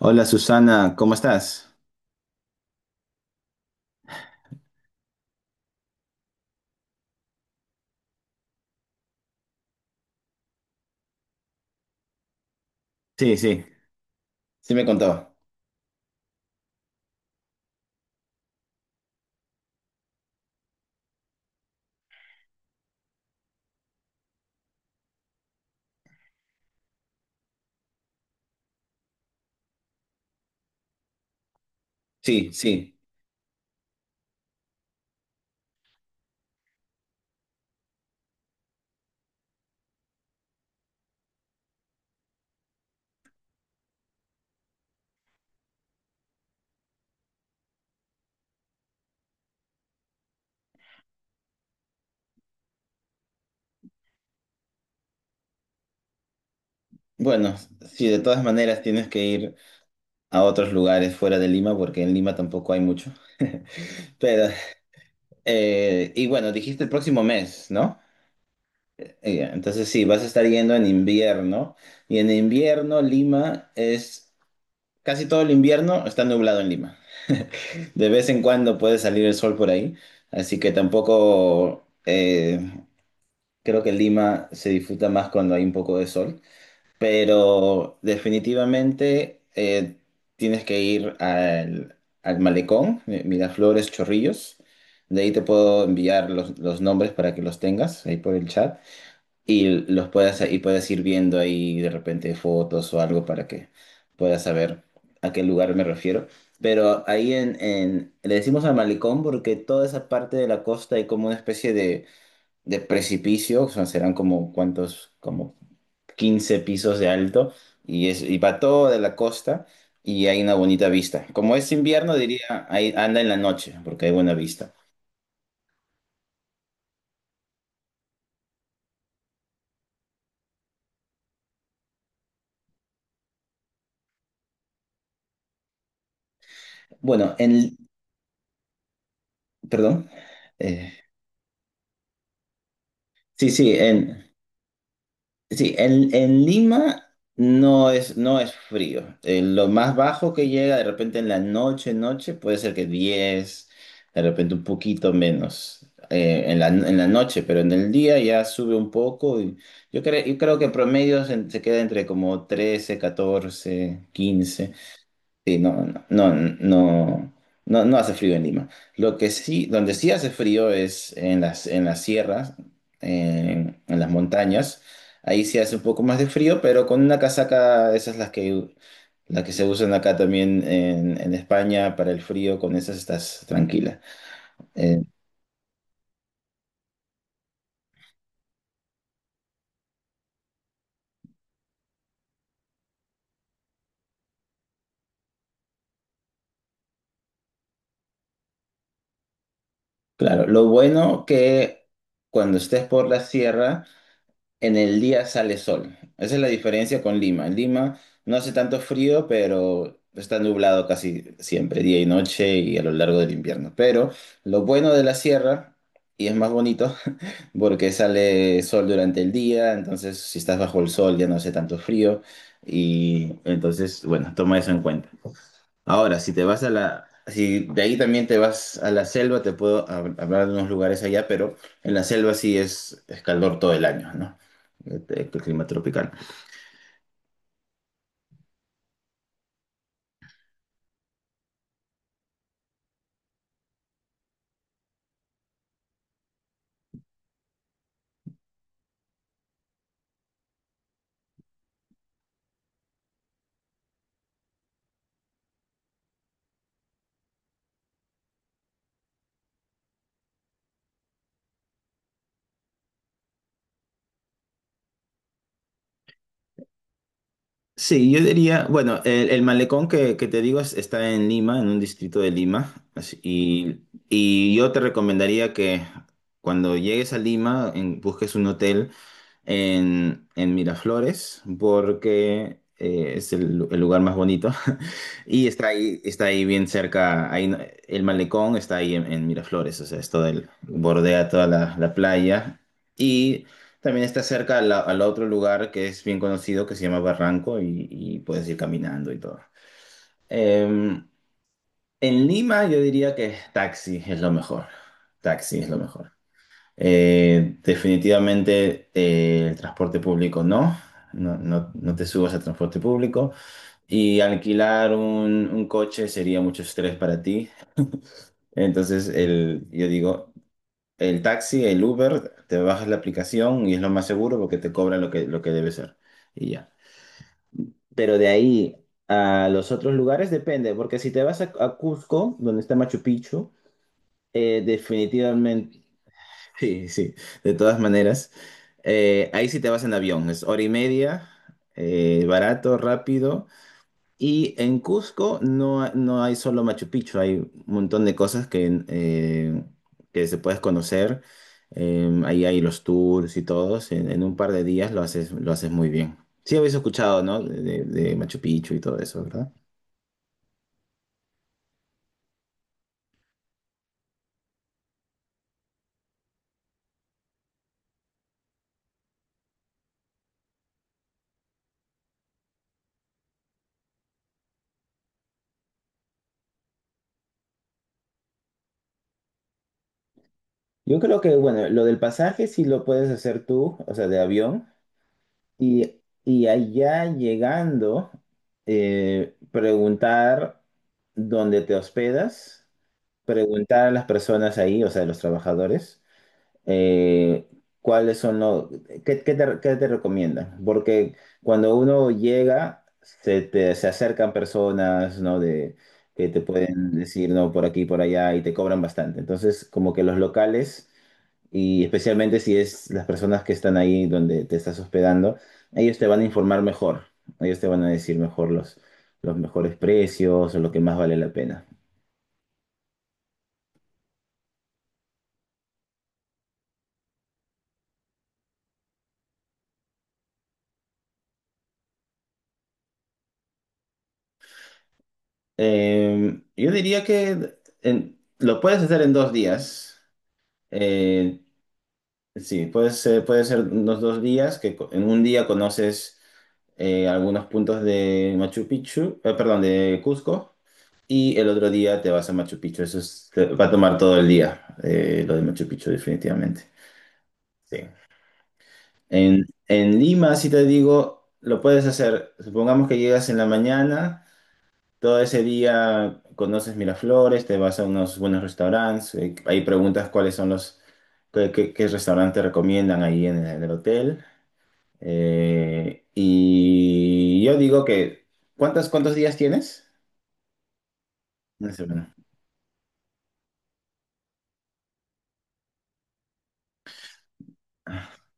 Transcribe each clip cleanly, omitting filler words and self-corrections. Hola, Susana, ¿cómo estás? Sí, sí, sí me contó. Sí, sí. Bueno, sí, de todas maneras tienes que ir a otros lugares fuera de Lima, porque en Lima tampoco hay mucho. Pero, y bueno, dijiste el próximo mes, ¿no? Entonces sí, vas a estar yendo en invierno. Y en invierno Lima es. Casi todo el invierno está nublado en Lima. De vez en cuando puede salir el sol por ahí. Así que tampoco, creo que Lima se disfruta más cuando hay un poco de sol. Pero definitivamente, tienes que ir al malecón, Miraflores, Chorrillos. De ahí te puedo enviar los nombres para que los tengas ahí por el chat, y los puedas y puedas ir viendo ahí de repente fotos o algo para que puedas saber a qué lugar me refiero. Pero ahí, le decimos al malecón porque toda esa parte de la costa hay como una especie de precipicio. O sea, serán como cuántos, como 15 pisos de alto, y, y va todo de la costa y hay una bonita vista. Como es invierno, diría, ahí anda en la noche porque hay buena vista. Bueno, perdón, eh, sí, sí, sí, en Lima no es, frío. Lo más bajo que llega de repente en la noche, noche, puede ser que 10, de repente un poquito menos, en la noche, pero en el día ya sube un poco. Y yo creo que en promedio se queda entre como 13, 14, 15. Sí, no, no, no, no, no, no hace frío en Lima. Lo que sí, donde sí hace frío es en las, sierras, en las montañas. Ahí sí hace un poco más de frío, pero con una casaca, esas las que se usan acá también en España para el frío, con esas estás tranquila. Eh, claro, lo bueno que cuando estés por la sierra, en el día sale sol. Esa es la diferencia con Lima. En Lima no hace tanto frío, pero está nublado casi siempre, día y noche y a lo largo del invierno. Pero lo bueno de la sierra, y es más bonito, porque sale sol durante el día, entonces si estás bajo el sol ya no hace tanto frío. Y entonces, bueno, toma eso en cuenta. Ahora, si te vas a la, si de ahí también te vas a la selva, te puedo hablar de unos lugares allá, pero en la selva sí es calor todo el año, ¿no? El clima tropical. Sí, yo diría, bueno, el malecón que te digo está en Lima, en un distrito de Lima, y yo te recomendaría que cuando llegues a Lima, busques un hotel en Miraflores, porque, es el lugar más bonito, y está ahí bien cerca, ahí. El malecón está ahí en Miraflores. O sea, es todo bordea toda la playa, también está cerca al otro lugar que es bien conocido, que se llama Barranco, y puedes ir caminando y todo. Eh, en Lima yo diría que taxi es lo mejor. Taxi es lo mejor. Definitivamente, el transporte público no. No, no, no te subas al transporte público. Y alquilar un coche sería mucho estrés para ti. Entonces, yo digo, el taxi, el Uber, te bajas la aplicación y es lo más seguro porque te cobra lo que debe ser. Y ya. Pero de ahí a los otros lugares depende, porque si te vas a Cusco, donde está Machu Picchu, definitivamente, sí, sí, de todas maneras, ahí sí te vas en avión, es hora y media, barato, rápido, y en Cusco no, no hay solo Machu Picchu, hay un montón de cosas que se puedes conocer. Ahí hay los tours y todos. En un par de días lo haces muy bien. Sí habéis escuchado, ¿no? de Machu Picchu y todo eso, ¿verdad? Yo creo que, bueno, lo del pasaje sí lo puedes hacer tú, o sea, de avión. Y allá llegando, preguntar dónde te hospedas, preguntar a las personas ahí, o sea, a los trabajadores, eh, cuáles son los, qué, qué te recomiendan. Porque cuando uno llega, se acercan personas, ¿no? Que te pueden decir, no, por aquí, por allá, y te cobran bastante. Entonces, como que los locales, y especialmente si es las personas que están ahí donde te estás hospedando, ellos te van a informar mejor. Ellos te van a decir mejor los mejores precios o lo que más vale la pena. Yo diría que lo puedes hacer en 2 días. Eh, Sí, puede ser unos 2 días, que en un día conoces, algunos puntos de Machu Picchu, perdón, de Cusco, y el otro día te vas a Machu Picchu. Eso va a tomar todo el día, lo de Machu Picchu, definitivamente. Sí. En Lima, si te digo, lo puedes hacer. Supongamos que llegas en la mañana, todo ese día conoces Miraflores, te vas a unos buenos restaurantes, ahí preguntas cuáles son qué restaurantes recomiendan ahí en el hotel. Y yo digo que, ¿cuántos días tienes? Una semana. Ah,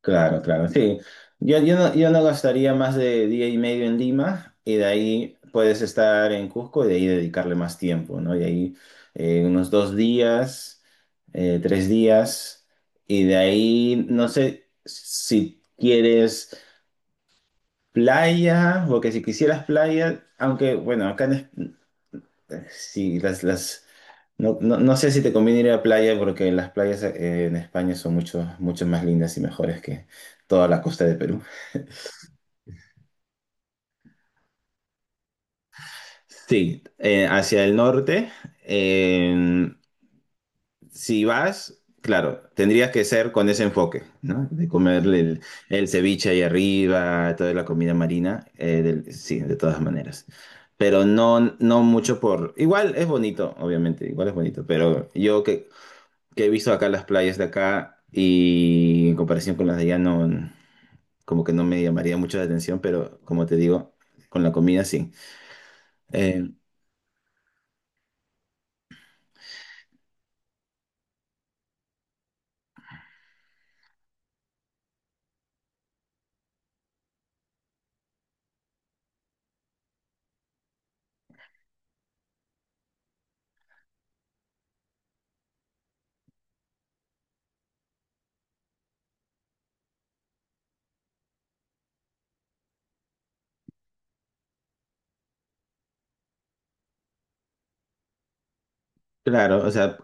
claro, claro, sí. Yo no gastaría más de día y medio en Lima, y de ahí puedes estar en Cusco y de ahí dedicarle más tiempo, ¿no? Y ahí, unos 2 días, 3 días, y de ahí no sé si quieres playa, porque si quisieras playa, aunque bueno, sí, no, no, no sé si te conviene ir a la playa porque las playas, en España son mucho, mucho más lindas y mejores que toda la costa de Perú. Sí, hacia el norte, eh, si vas, claro, tendrías que ser con ese enfoque, ¿no? De comerle el ceviche ahí arriba, toda la comida marina, sí, de todas maneras. Pero no, no mucho. Por... Igual es bonito, obviamente, igual es bonito, pero yo que he visto acá las playas de acá y en comparación con las de allá, no, como que no me llamaría mucho la atención, pero como te digo, con la comida sí. Eh, claro, o sea,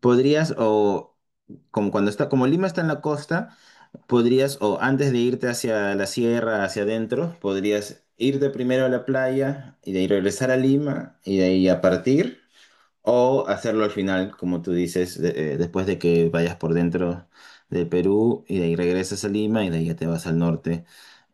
podrías, o como Lima está en la costa, podrías o antes de irte hacia la sierra, hacia adentro, podrías irte primero a la playa y de ahí regresar a Lima y de ahí a partir. O hacerlo al final, como tú dices, después de que vayas por dentro de Perú y de ahí regresas a Lima y de ahí ya te vas al norte,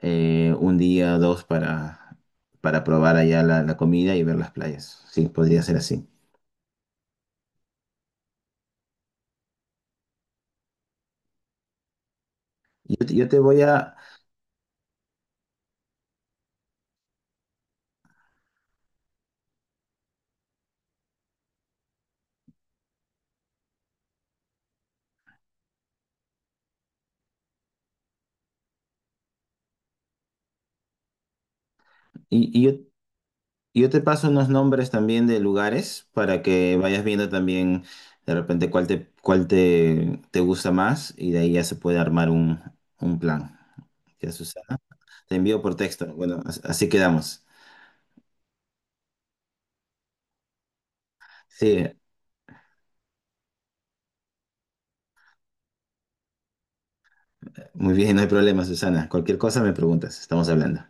un día o dos, para probar allá la comida y ver las playas. Sí, podría ser así. Yo te voy a, y, Yo te paso unos nombres también de lugares para que vayas viendo también de repente cuál te gusta más y de ahí ya se puede armar un plan. Ya, Susana, te envío por texto. Bueno, así quedamos. Sí, muy bien, no hay problema, Susana. Cualquier cosa me preguntas, estamos hablando.